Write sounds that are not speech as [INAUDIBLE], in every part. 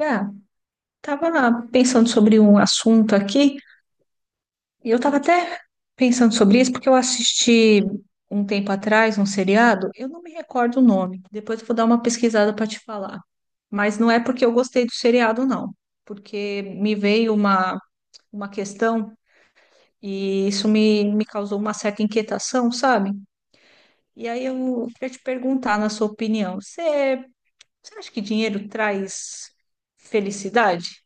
Ah, tava lá pensando sobre um assunto aqui, e eu tava até pensando sobre isso porque eu assisti um tempo atrás um seriado, eu não me recordo o nome, depois eu vou dar uma pesquisada para te falar. Mas não é porque eu gostei do seriado, não, porque me veio uma questão e isso me causou uma certa inquietação, sabe? E aí eu queria te perguntar, na sua opinião, você acha que dinheiro traz felicidade?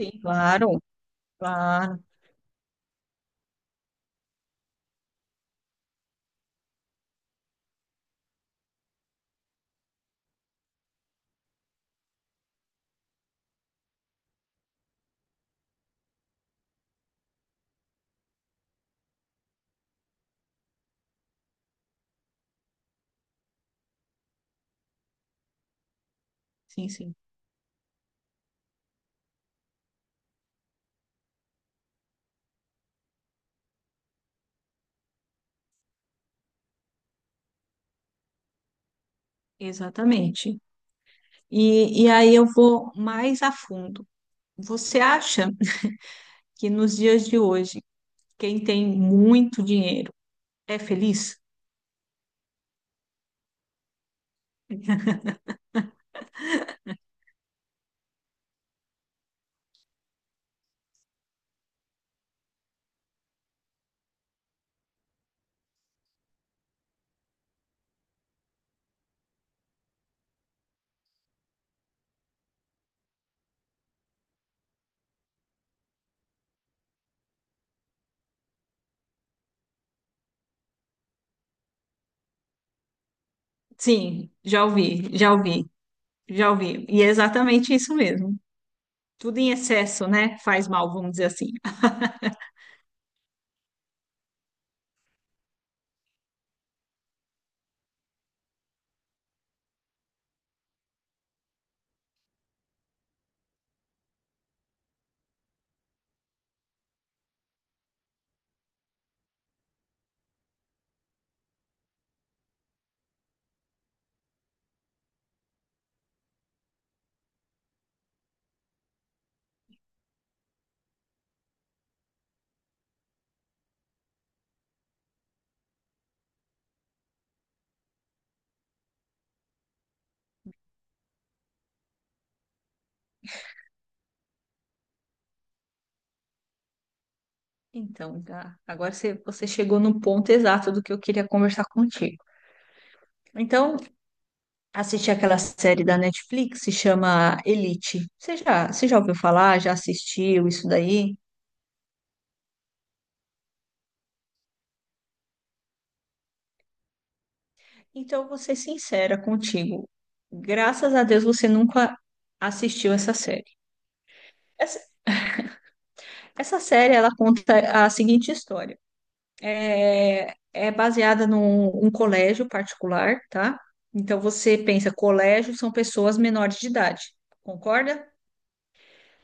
Sim, claro. Claro. Sim, sim, exatamente. E aí eu vou mais a fundo. Você acha que nos dias de hoje, quem tem muito dinheiro é feliz? Sim, já ouvi, já ouvi, já ouvi. E é exatamente isso mesmo. Tudo em excesso, né? Faz mal, vamos dizer assim. Então, Gá, agora você chegou no ponto exato do que eu queria conversar contigo. Então, assisti aquela série da Netflix, se chama Elite. Você já ouviu falar? Já assistiu isso daí? Então, eu vou ser sincera contigo. Graças a Deus você nunca assistiu essa série. Essa, essa série ela conta a seguinte história. É baseada num um colégio particular, tá? Então você pensa, colégio são pessoas menores de idade, concorda?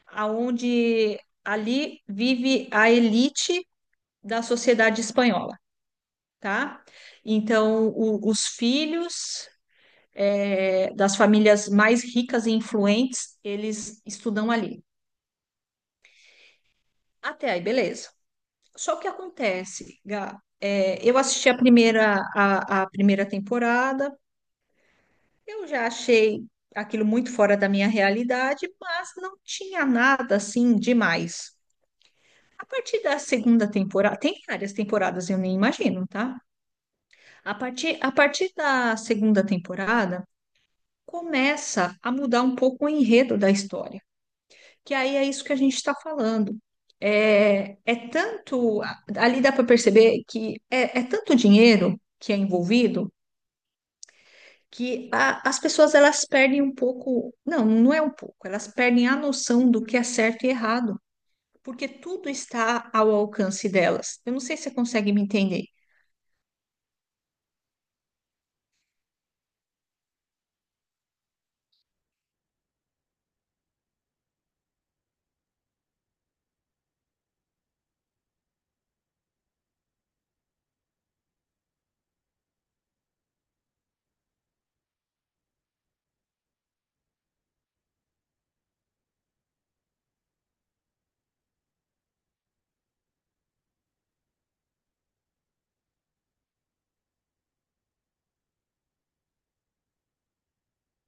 Aonde ali vive a elite da sociedade espanhola, tá? Então os filhos, das famílias mais ricas e influentes, eles estudam ali. Até aí, beleza. Só que acontece, Gá, eu assisti a primeira, a primeira temporada, eu já achei aquilo muito fora da minha realidade, mas não tinha nada assim demais. A partir da segunda temporada, tem várias temporadas, eu nem imagino, tá? A partir da segunda temporada, começa a mudar um pouco o enredo da história, que aí é isso que a gente está falando. É, é tanto, ali dá para perceber que é tanto dinheiro que é envolvido que as pessoas elas perdem um pouco, não é um pouco, elas perdem a noção do que é certo e errado, porque tudo está ao alcance delas. Eu não sei se você consegue me entender.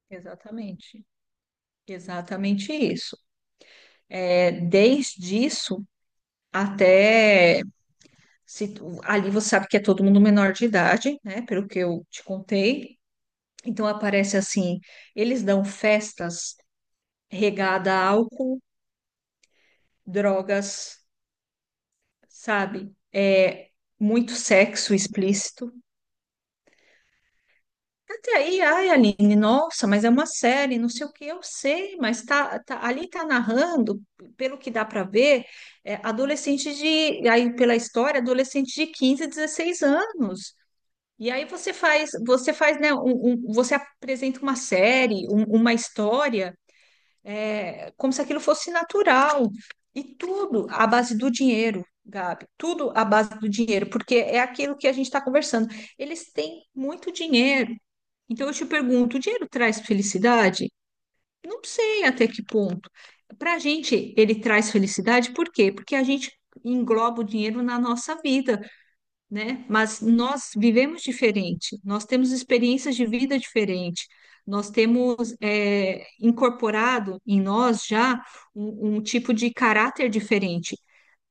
Exatamente, exatamente isso. É, desde isso até se ali você sabe que é todo mundo menor de idade, né? Pelo que eu te contei, então aparece assim, eles dão festas regada a álcool, drogas, sabe? É muito sexo explícito. Até aí, ai, Aline, nossa, mas é uma série, não sei o que, eu sei, mas ali tá narrando, pelo que dá para ver, adolescente de, aí pela história, adolescente de 15, 16 anos. E aí você faz, né, você apresenta uma série, uma história. É como se aquilo fosse natural. E tudo à base do dinheiro, Gabi. Tudo à base do dinheiro, porque é aquilo que a gente está conversando. Eles têm muito dinheiro. Então eu te pergunto, o dinheiro traz felicidade? Não sei até que ponto. Para a gente, ele traz felicidade, por quê? Porque a gente engloba o dinheiro na nossa vida, né? Mas nós vivemos diferente, nós temos experiências de vida diferente, nós temos incorporado em nós já um tipo de caráter diferente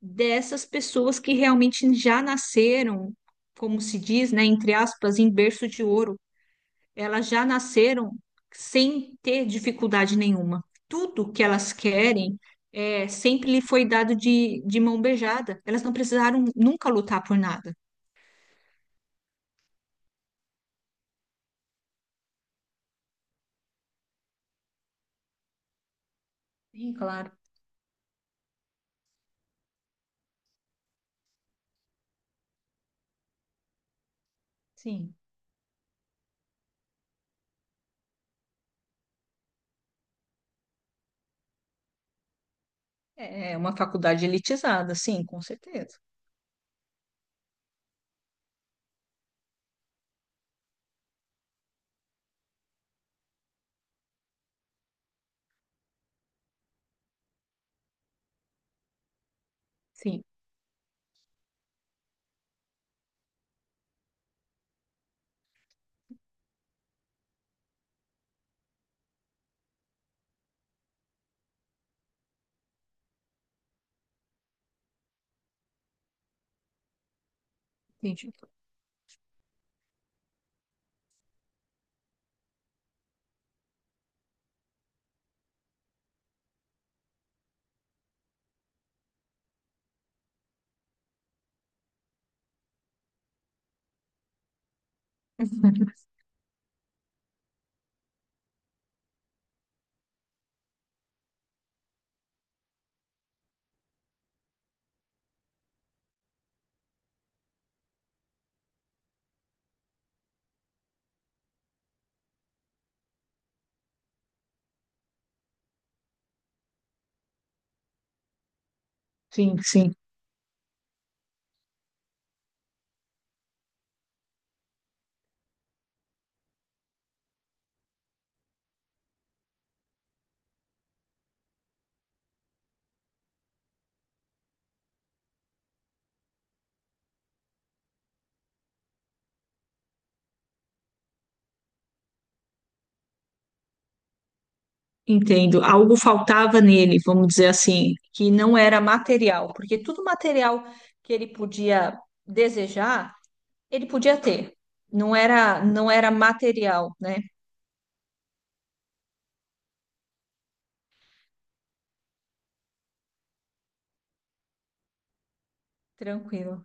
dessas pessoas que realmente já nasceram, como se diz, né, entre aspas, em berço de ouro. Elas já nasceram sem ter dificuldade nenhuma. Tudo que elas querem sempre lhe foi dado de mão beijada. Elas não precisaram nunca lutar por nada. Sim, claro. Sim. É uma faculdade elitizada, sim, com certeza. Sim, entendi. [LAUGHS] Sim, sim, entendo. Algo faltava nele, vamos dizer assim, que não era material, porque tudo material que ele podia desejar, ele podia ter. Não era material, né? Tranquilo.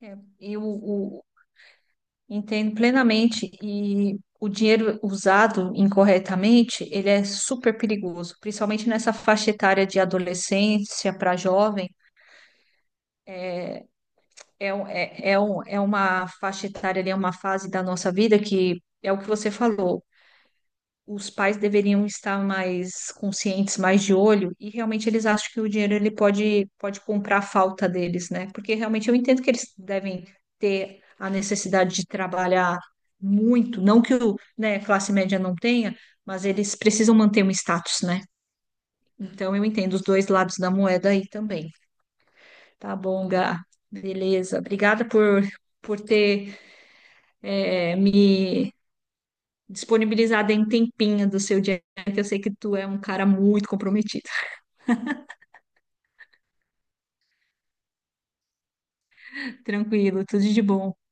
É. E o, entendo plenamente. E o dinheiro usado incorretamente, ele é super perigoso, principalmente nessa faixa etária de adolescência para jovem. É uma faixa etária, ali, é uma fase da nossa vida que é o que você falou. Os pais deveriam estar mais conscientes, mais de olho, e realmente eles acham que o dinheiro pode comprar a falta deles, né? Porque realmente eu entendo que eles devem ter a necessidade de trabalhar muito, não que o, né, classe média não tenha, mas eles precisam manter um status, né? Então eu entendo os dois lados da moeda aí também. Tá bom, Gá. Beleza. Obrigada por ter me disponibilizada em tempinho do seu dia, que eu sei que tu é um cara muito comprometido. [LAUGHS] Tranquilo, tudo de bom.